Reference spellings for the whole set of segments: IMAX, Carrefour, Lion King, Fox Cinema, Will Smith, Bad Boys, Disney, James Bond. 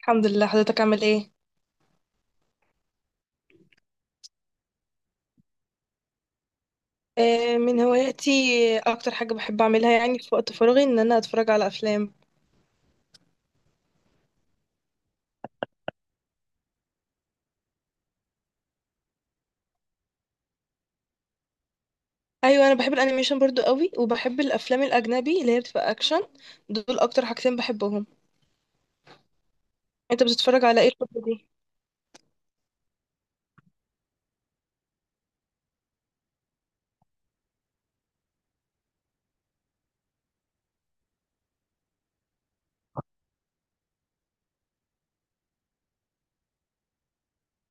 الحمد لله، حضرتك عامل ايه؟ آه، من هواياتي. اكتر حاجه بحب اعملها يعني في وقت فراغي ان انا اتفرج على افلام. ايوه، انا بحب الانيميشن برضو قوي، وبحب الافلام الاجنبي اللي هي بتبقى اكشن. دول اكتر حاجتين بحبهم. انت بتتفرج على ايه الفتره دي؟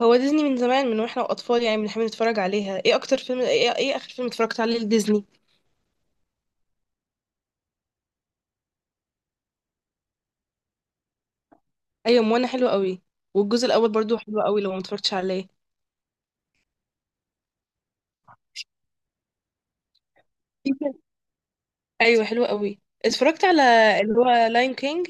هو ديزني من زمان من واحنا اطفال، يعني بنحب نتفرج عليها. ايه اكتر فيلم ايه, إيه اخر فيلم اتفرجت عليه لديزني؟ ايوه، موانا حلو قوي. والجزء الاول برضو حلو قوي لو ما اتفرجتش عليه في فيلم- ايوه، حلو قوي. اتفرجت على اللي هو لاين كينج.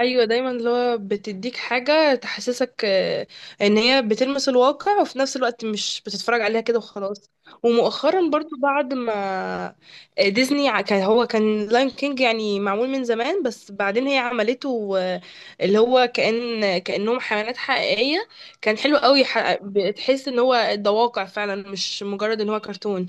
ايوه، دايما اللي هو بتديك حاجه تحسسك، ان هي بتلمس الواقع، وفي نفس الوقت مش بتتفرج عليها كده وخلاص. ومؤخرا برضو بعد ما ديزني كان لاين كينج يعني معمول من زمان، بس بعدين هي عملته، اللي هو كأنهم حيوانات حقيقيه. كان حلو قوي، بتحس ان هو ده واقع فعلا، مش مجرد ان هو كرتون.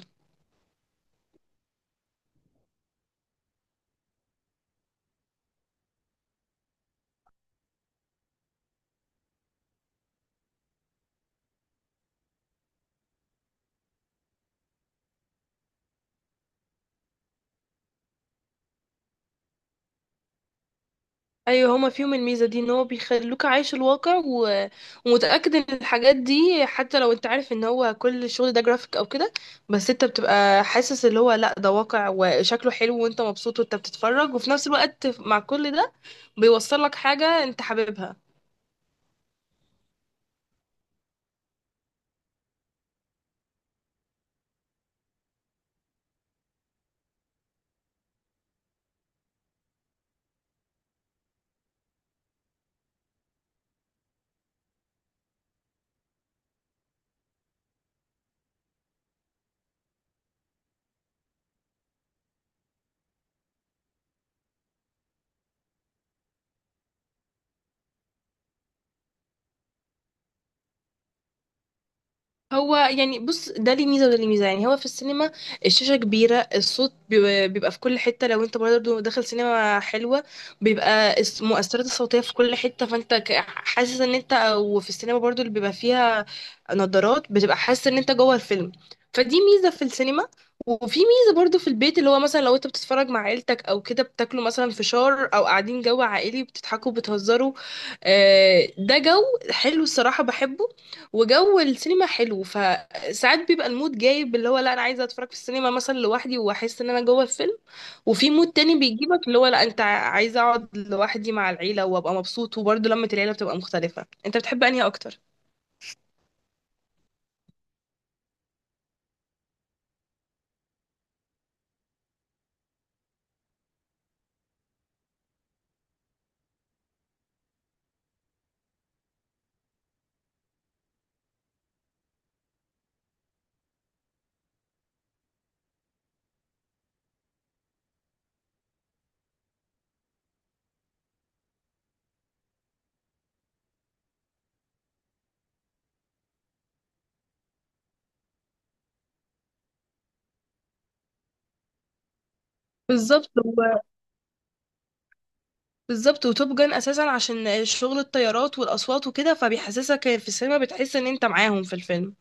ايوه، هما فيهم الميزه دي، ان هو بيخلوك عايش الواقع ومتاكد ان الحاجات دي، حتى لو انت عارف ان هو كل الشغل ده جرافيك او كده، بس انت بتبقى حاسس اللي هو لا ده واقع، وشكله حلو، وانت مبسوط وانت بتتفرج، وفي نفس الوقت مع كل ده بيوصل لك حاجه انت حاببها. هو يعني بص، ده ليه ميزه وده ليه ميزه. يعني هو في السينما الشاشه كبيره، الصوت بيبقى في كل حته، لو انت برضه داخل سينما حلوه بيبقى المؤثرات الصوتيه في كل حته، فانت حاسس ان انت، وفي السينما برضه اللي بيبقى فيها نظارات بتبقى حاسس ان انت جوه الفيلم. فدي ميزه في السينما. وفي ميزه برضه في البيت، اللي هو مثلا لو انت بتتفرج مع عيلتك او كده، بتاكلوا مثلا فشار او قاعدين جو عائلي، بتضحكوا بتهزروا. ده جو حلو الصراحه، بحبه. وجو السينما حلو، فساعات بيبقى المود جايب اللي هو لا انا عايزه اتفرج في السينما مثلا لوحدي واحس ان انا جوه الفيلم، وفي مود تاني بيجيبك اللي هو لا انت عايزه اقعد لوحدي مع العيله وابقى مبسوط، وبرضه لمة العيله بتبقى مختلفه. انت بتحب انهي اكتر؟ بالظبط هو- بالظبط، وتوب جان اساسا عشان شغل الطيارات والاصوات وكده، فبيحسسك في السينما بتحس ان انت معاهم في الفيلم.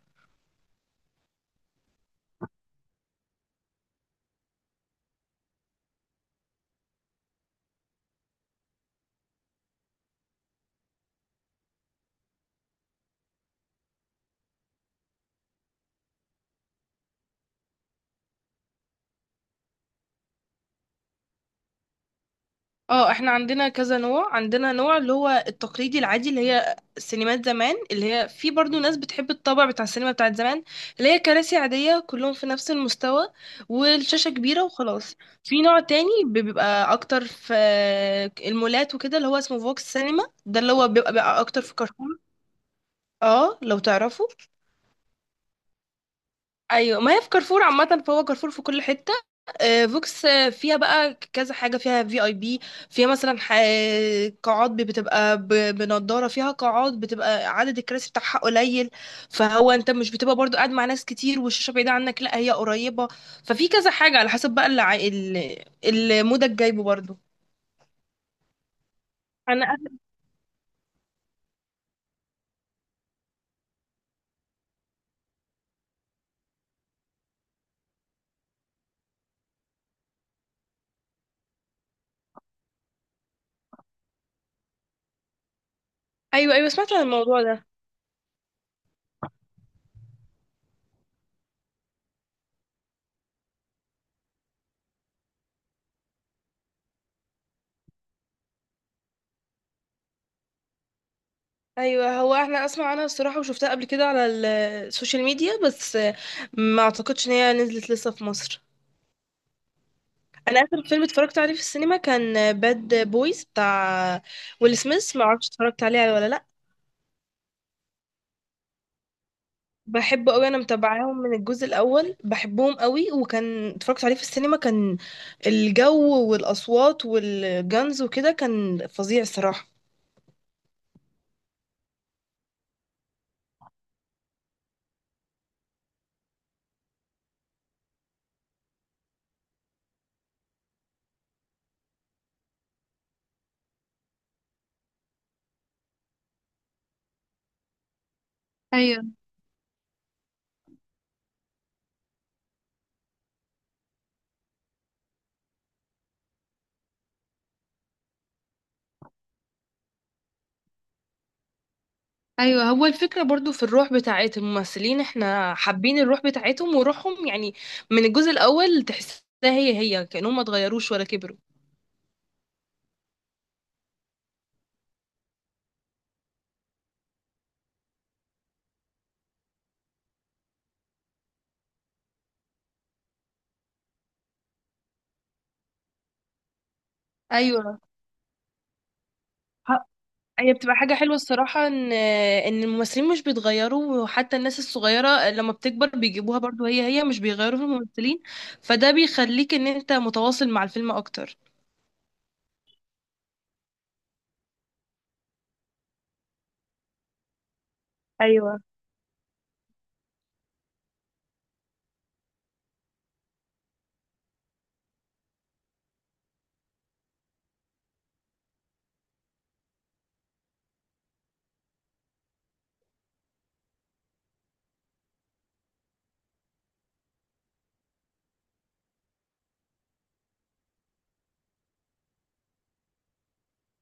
اه، احنا عندنا كذا نوع. عندنا نوع اللي هو التقليدي العادي، اللي هي سينمات زمان، اللي هي في برضو ناس بتحب الطابع بتاع السينما بتاعت زمان، اللي هي كراسي عادية كلهم في نفس المستوى والشاشة كبيرة وخلاص. في نوع تاني بيبقى اكتر في المولات وكده، اللي هو اسمه فوكس سينما، ده اللي هو بيبقى اكتر في كارفور. اه لو تعرفوا. ايوه، ما هي في كارفور عامه، فهو كارفور في كل حته. فوكس فيها بقى كذا حاجه، فيها في اي بي، فيها مثلا قاعات بتبقى بنضاره، فيها قاعات بتبقى عدد الكراسي بتاعها قليل، فهو انت مش بتبقى برضو قاعد مع ناس كتير والشاشه بعيده عنك، لا هي قريبه. ففي كذا حاجه على حسب بقى اللي المودك جايبه برضو. انا أ- ايوه، ايوه، سمعت عن الموضوع ده. ايوه، هو احنا اسمع عنها الصراحه وشفتها قبل كده على السوشيال ميديا، بس ما اعتقدش ان هي نزلت لسه في مصر. انا اخر فيلم اتفرجت عليه في السينما كان باد بويز بتاع ويل سميث، ما اعرفش اتفرجت عليه ولا لا. بحبه قوي، انا متابعاهم من الجزء الاول، بحبهم قوي. وكان اتفرجت عليه في السينما، كان الجو والاصوات والجانز وكده كان فظيع الصراحه. ايوه، هو الفكره برضو في الروح بتاعت الممثلين، احنا حابين الروح بتاعتهم وروحهم، يعني من الجزء الاول تحسها هي هي، كانهم ما اتغيروش ولا كبروا. ايوه، هي بتبقى حاجة حلوة الصراحة ان الممثلين مش بيتغيروا، وحتى الناس الصغيرة لما بتكبر بيجيبوها برضو هي هي، مش بيغيروا في الممثلين. فده بيخليك ان انت متواصل مع الفيلم اكتر. ايوه،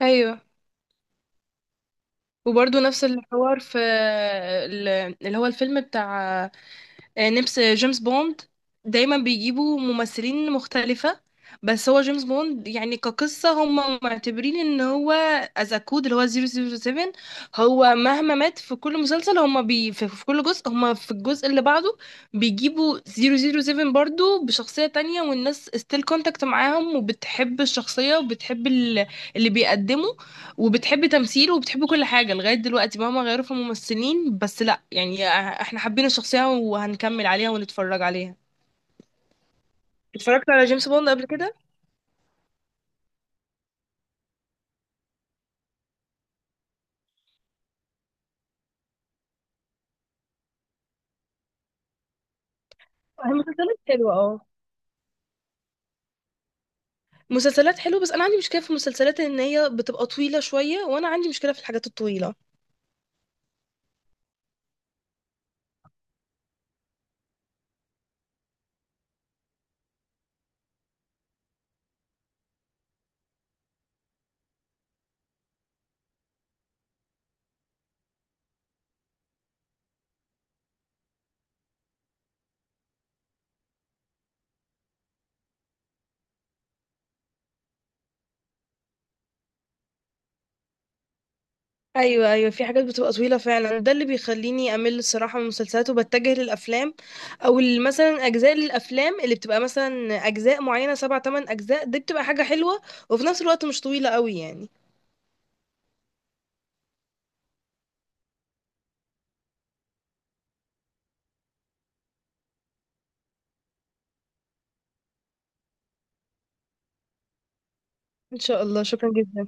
ايوه، وبرضو نفس الحوار في ال- اللي هو الفيلم بتاع نفس جيمس بوند. دايما بيجيبوا ممثلين مختلفة، بس هو جيمس بوند يعني كقصة هم معتبرين ان هو از كود اللي هو 007. هو مهما مات في كل مسلسل، هم بي في في كل جزء، هم في الجزء اللي بعده بيجيبوا 007 برضو بشخصية تانية، والناس ستيل كونتاكت معاهم وبتحب الشخصية وبتحب اللي بيقدمه وبتحب تمثيل وبتحب كل حاجة. لغاية دلوقتي مهما غيروا في الممثلين، بس لا يعني احنا حابين الشخصية وهنكمل عليها ونتفرج عليها. اتفرجت على جيمس بوند قبل كده؟ المسلسلات حلوة، اه، مسلسلات حلوة، بس انا عندي مشكلة في المسلسلات ان هي بتبقى طويلة شوية، وانا عندي مشكلة في الحاجات الطويلة. ايوه، ايوه، في حاجات بتبقى طويلة فعلا، ده اللي بيخليني امل الصراحة من المسلسلات وبتجه للافلام، او مثلا اجزاء للافلام اللي بتبقى مثلا اجزاء معينة سبع تمن اجزاء، دي بتبقى حاجة حلوة وفي نفس الوقت مش طويلة قوي يعني. إن شاء الله، شكرا جدا.